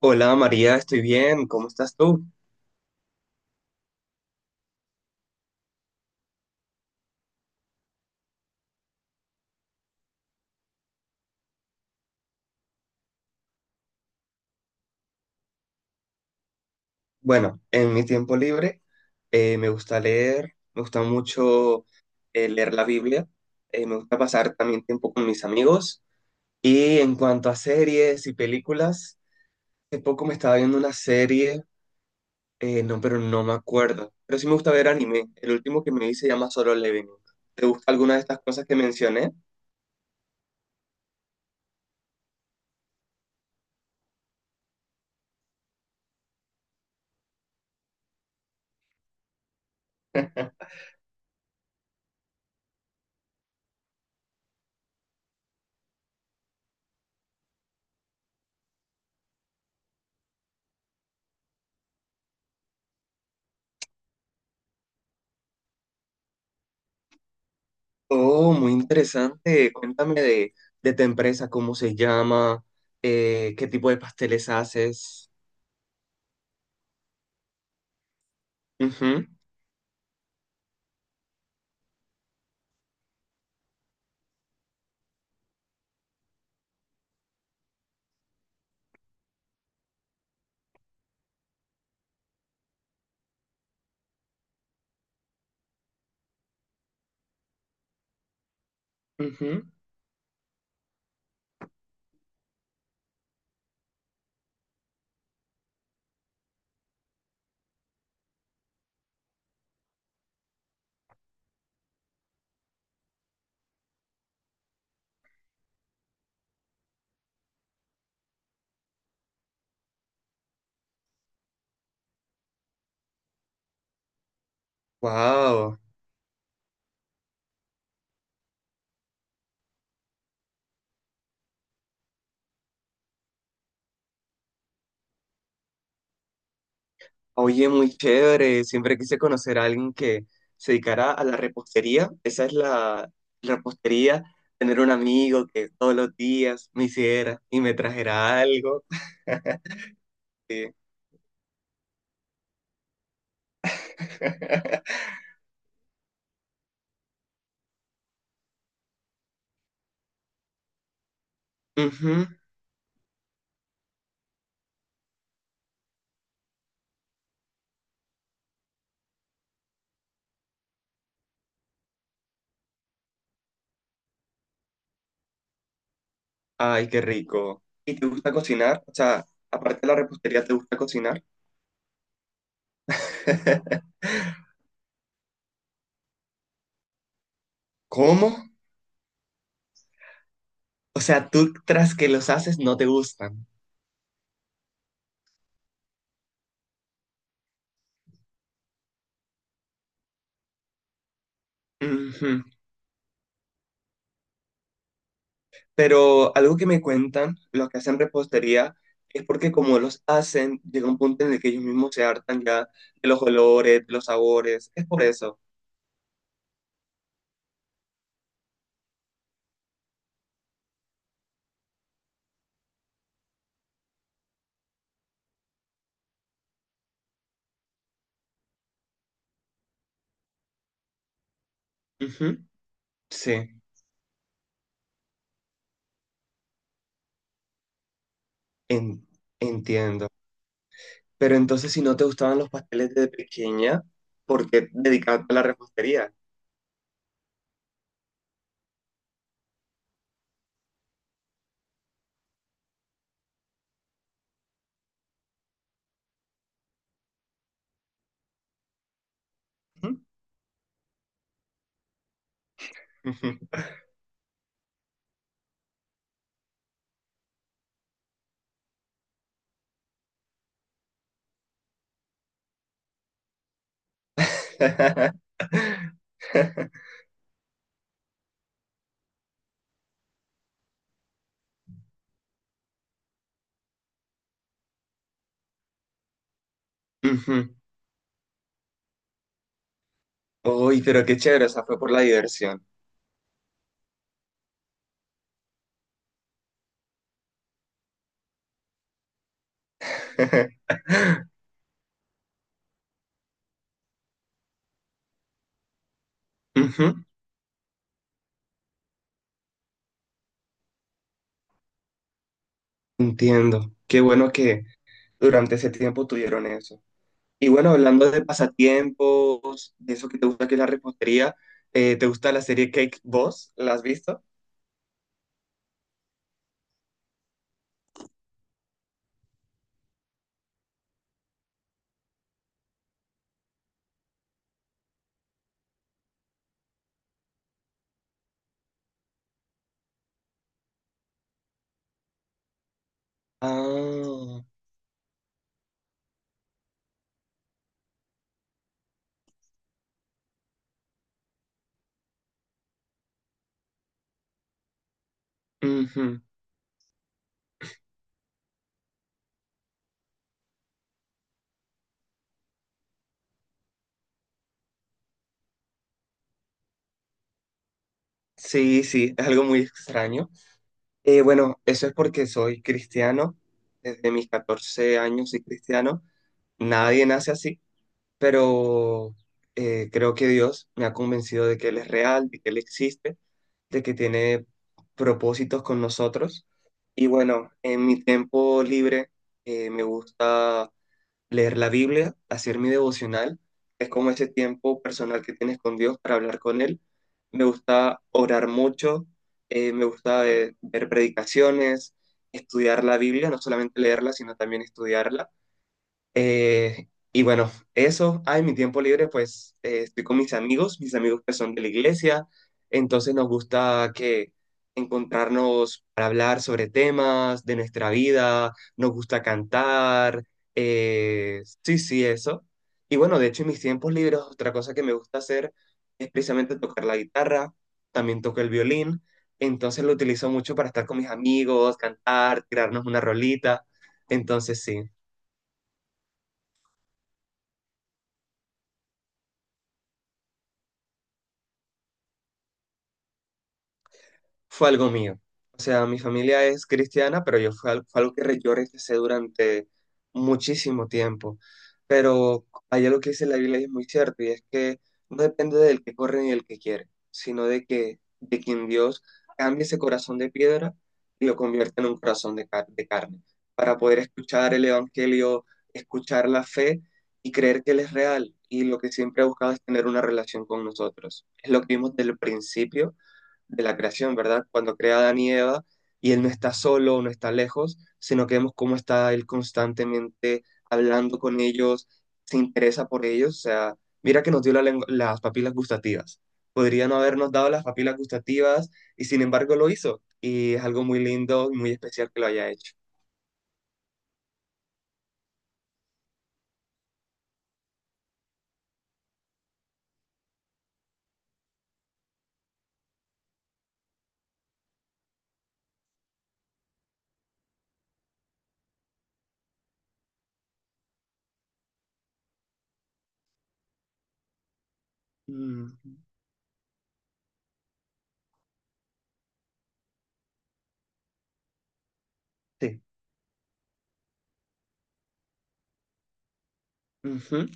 Hola María, estoy bien, ¿cómo estás tú? Bueno, en mi tiempo libre, me gusta leer, me gusta mucho leer la Biblia. Me gusta pasar también tiempo con mis amigos y en cuanto a series y películas, hace poco me estaba viendo una serie, no, pero no me acuerdo. Pero sí me gusta ver anime, el último que me vi se llama Solo Leveling. ¿Te gusta alguna de estas cosas que mencioné? Oh, muy interesante. Cuéntame de tu empresa, cómo se llama, qué tipo de pasteles haces. Ujú, ujú. Wow. Oye, muy chévere. Siempre quise conocer a alguien que se dedicara a la repostería. Esa es la repostería. Tener un amigo que todos los días me hiciera y me trajera algo. Sí. Ujú. Ay, qué rico. ¿Y te gusta cocinar? O sea, aparte de la repostería, ¿te gusta cocinar? ¿Cómo? O sea, tú tras que los haces no te gustan. Ujú. Pero algo que me cuentan los que hacen repostería es porque como los hacen, llega un punto en el que ellos mismos se hartan ya de los olores, de los sabores. Es por eso. Ujú. Sí, en- entiendo. Pero entonces si no te gustaban los pasteles de pequeña, ¿por qué dedicarte a la repostería? Ujú. Ujú. Ujú. Uy, pero qué chévere, o sea, fue por la diversión. Ujú. Entiendo. Qué bueno que durante ese tiempo tuvieron eso. Y bueno, hablando de pasatiempos, de eso que te gusta que es la repostería, ¿te gusta la serie Cake Boss? ¿La has visto? Ah, ujú. Sí, sí, es algo muy extraño. Bueno, eso es porque soy cristiano, desde mis 14 años soy cristiano. Nadie nace así, pero creo que Dios me ha convencido de que Él es real, de que Él existe, de que tiene propósitos con nosotros. Y bueno, en mi tiempo libre, me gusta leer la Biblia, hacer mi devocional. Es como ese tiempo personal que tienes con Dios para hablar con Él. Me gusta orar mucho, me gusta ver predicaciones, estudiar la Biblia, no solamente leerla, sino también estudiarla. Eh, y bueno, eso, en mi tiempo libre, pues estoy con mis amigos que son de la iglesia. Entonces nos gusta que encontrarnos para hablar sobre temas de nuestra vida, nos gusta cantar, sí, sí, eso. Y bueno, de hecho, en mis tiempos libres, otra cosa que me gusta hacer es precisamente tocar la guitarra, también toco el violín, entonces lo utilizo mucho para estar con mis amigos, cantar, tirarnos una rolita, entonces sí. Fue algo mío. O sea, mi familia es cristiana, pero yo fue, fue algo que yo rechacé durante muchísimo tiempo. Pero allá lo que dice la Biblia y es muy cierto, y es que no depende del que corre ni del que quiere, sino de que de quien Dios cambie ese corazón de piedra y lo convierta en un corazón de carne, para poder escuchar el Evangelio, escuchar la fe y creer que Él es real. Y lo que siempre ha buscado es tener una relación con nosotros. Es lo que vimos del principio de la creación, ¿verdad? Cuando crea a Adán y Eva, y él no está solo, no está lejos, sino que vemos cómo está él constantemente hablando con ellos, se interesa por ellos. O sea, mira que nos dio la las papilas gustativas. Podría no habernos dado las papilas gustativas y sin embargo lo hizo. Y es algo muy lindo y muy especial que lo haya hecho. Mm, sí. Ujú.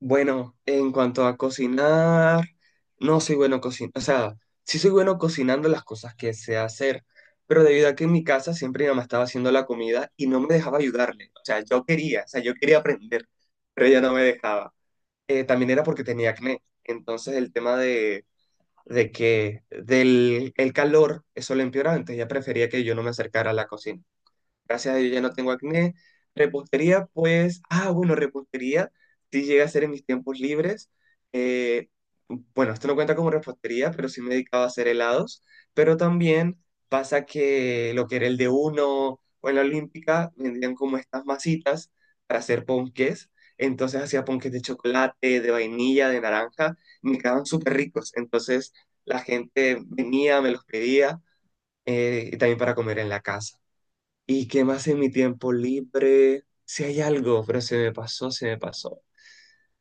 Bueno, en cuanto a cocinar, no soy bueno cocinando, o sea, sí soy bueno cocinando las cosas que sé hacer, pero debido a que en mi casa siempre mi mamá estaba haciendo la comida y no me dejaba ayudarle. O sea, yo quería, o sea, yo quería aprender, pero ella no me dejaba. También era porque tenía acné, entonces el tema de que del el calor, eso lo empeoraba, entonces ella prefería que yo no me acercara a la cocina. Gracias a Dios ya no tengo acné. Repostería, pues, bueno, repostería sí llega a hacer en mis tiempos libres. Eh, bueno, esto no cuenta como repostería, pero sí me dedicaba a hacer helados. Pero también pasa que lo que era el de uno o en la Olímpica vendían como estas masitas para hacer ponques. Entonces hacía ponques de chocolate, de vainilla, de naranja. Y me quedaban súper ricos. Entonces la gente venía, me los pedía, y también para comer en la casa. ¿Y qué más en mi tiempo libre? Si hay algo, pero se me pasó, se me pasó.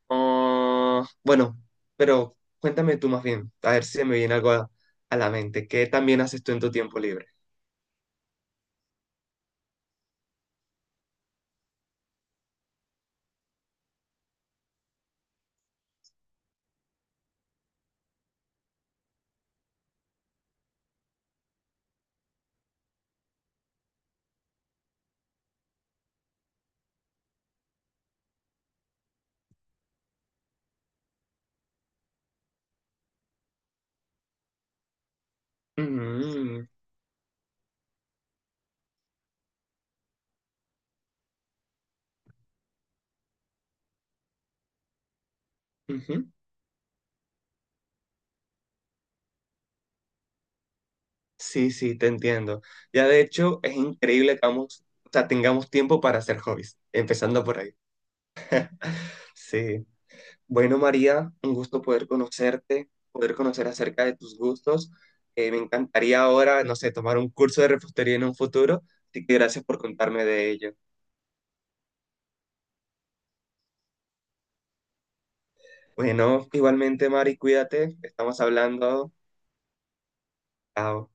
Ah, bueno, pero cuéntame tú más bien, a ver si se me viene algo a la mente. ¿Qué también haces tú en tu tiempo libre? Mm, ujú. Sí, sí, te entiendo. Ya de hecho, es increíble que vamos, o sea, tengamos tiempo para hacer hobbies, empezando por ahí. Sí. Bueno, María, un gusto poder conocerte, poder conocer acerca de tus gustos. Me encantaría ahora, no sé, tomar un curso de repostería en un futuro, así que gracias por contarme de ello. Bueno, igualmente, Mari, cuídate, estamos hablando. Chao.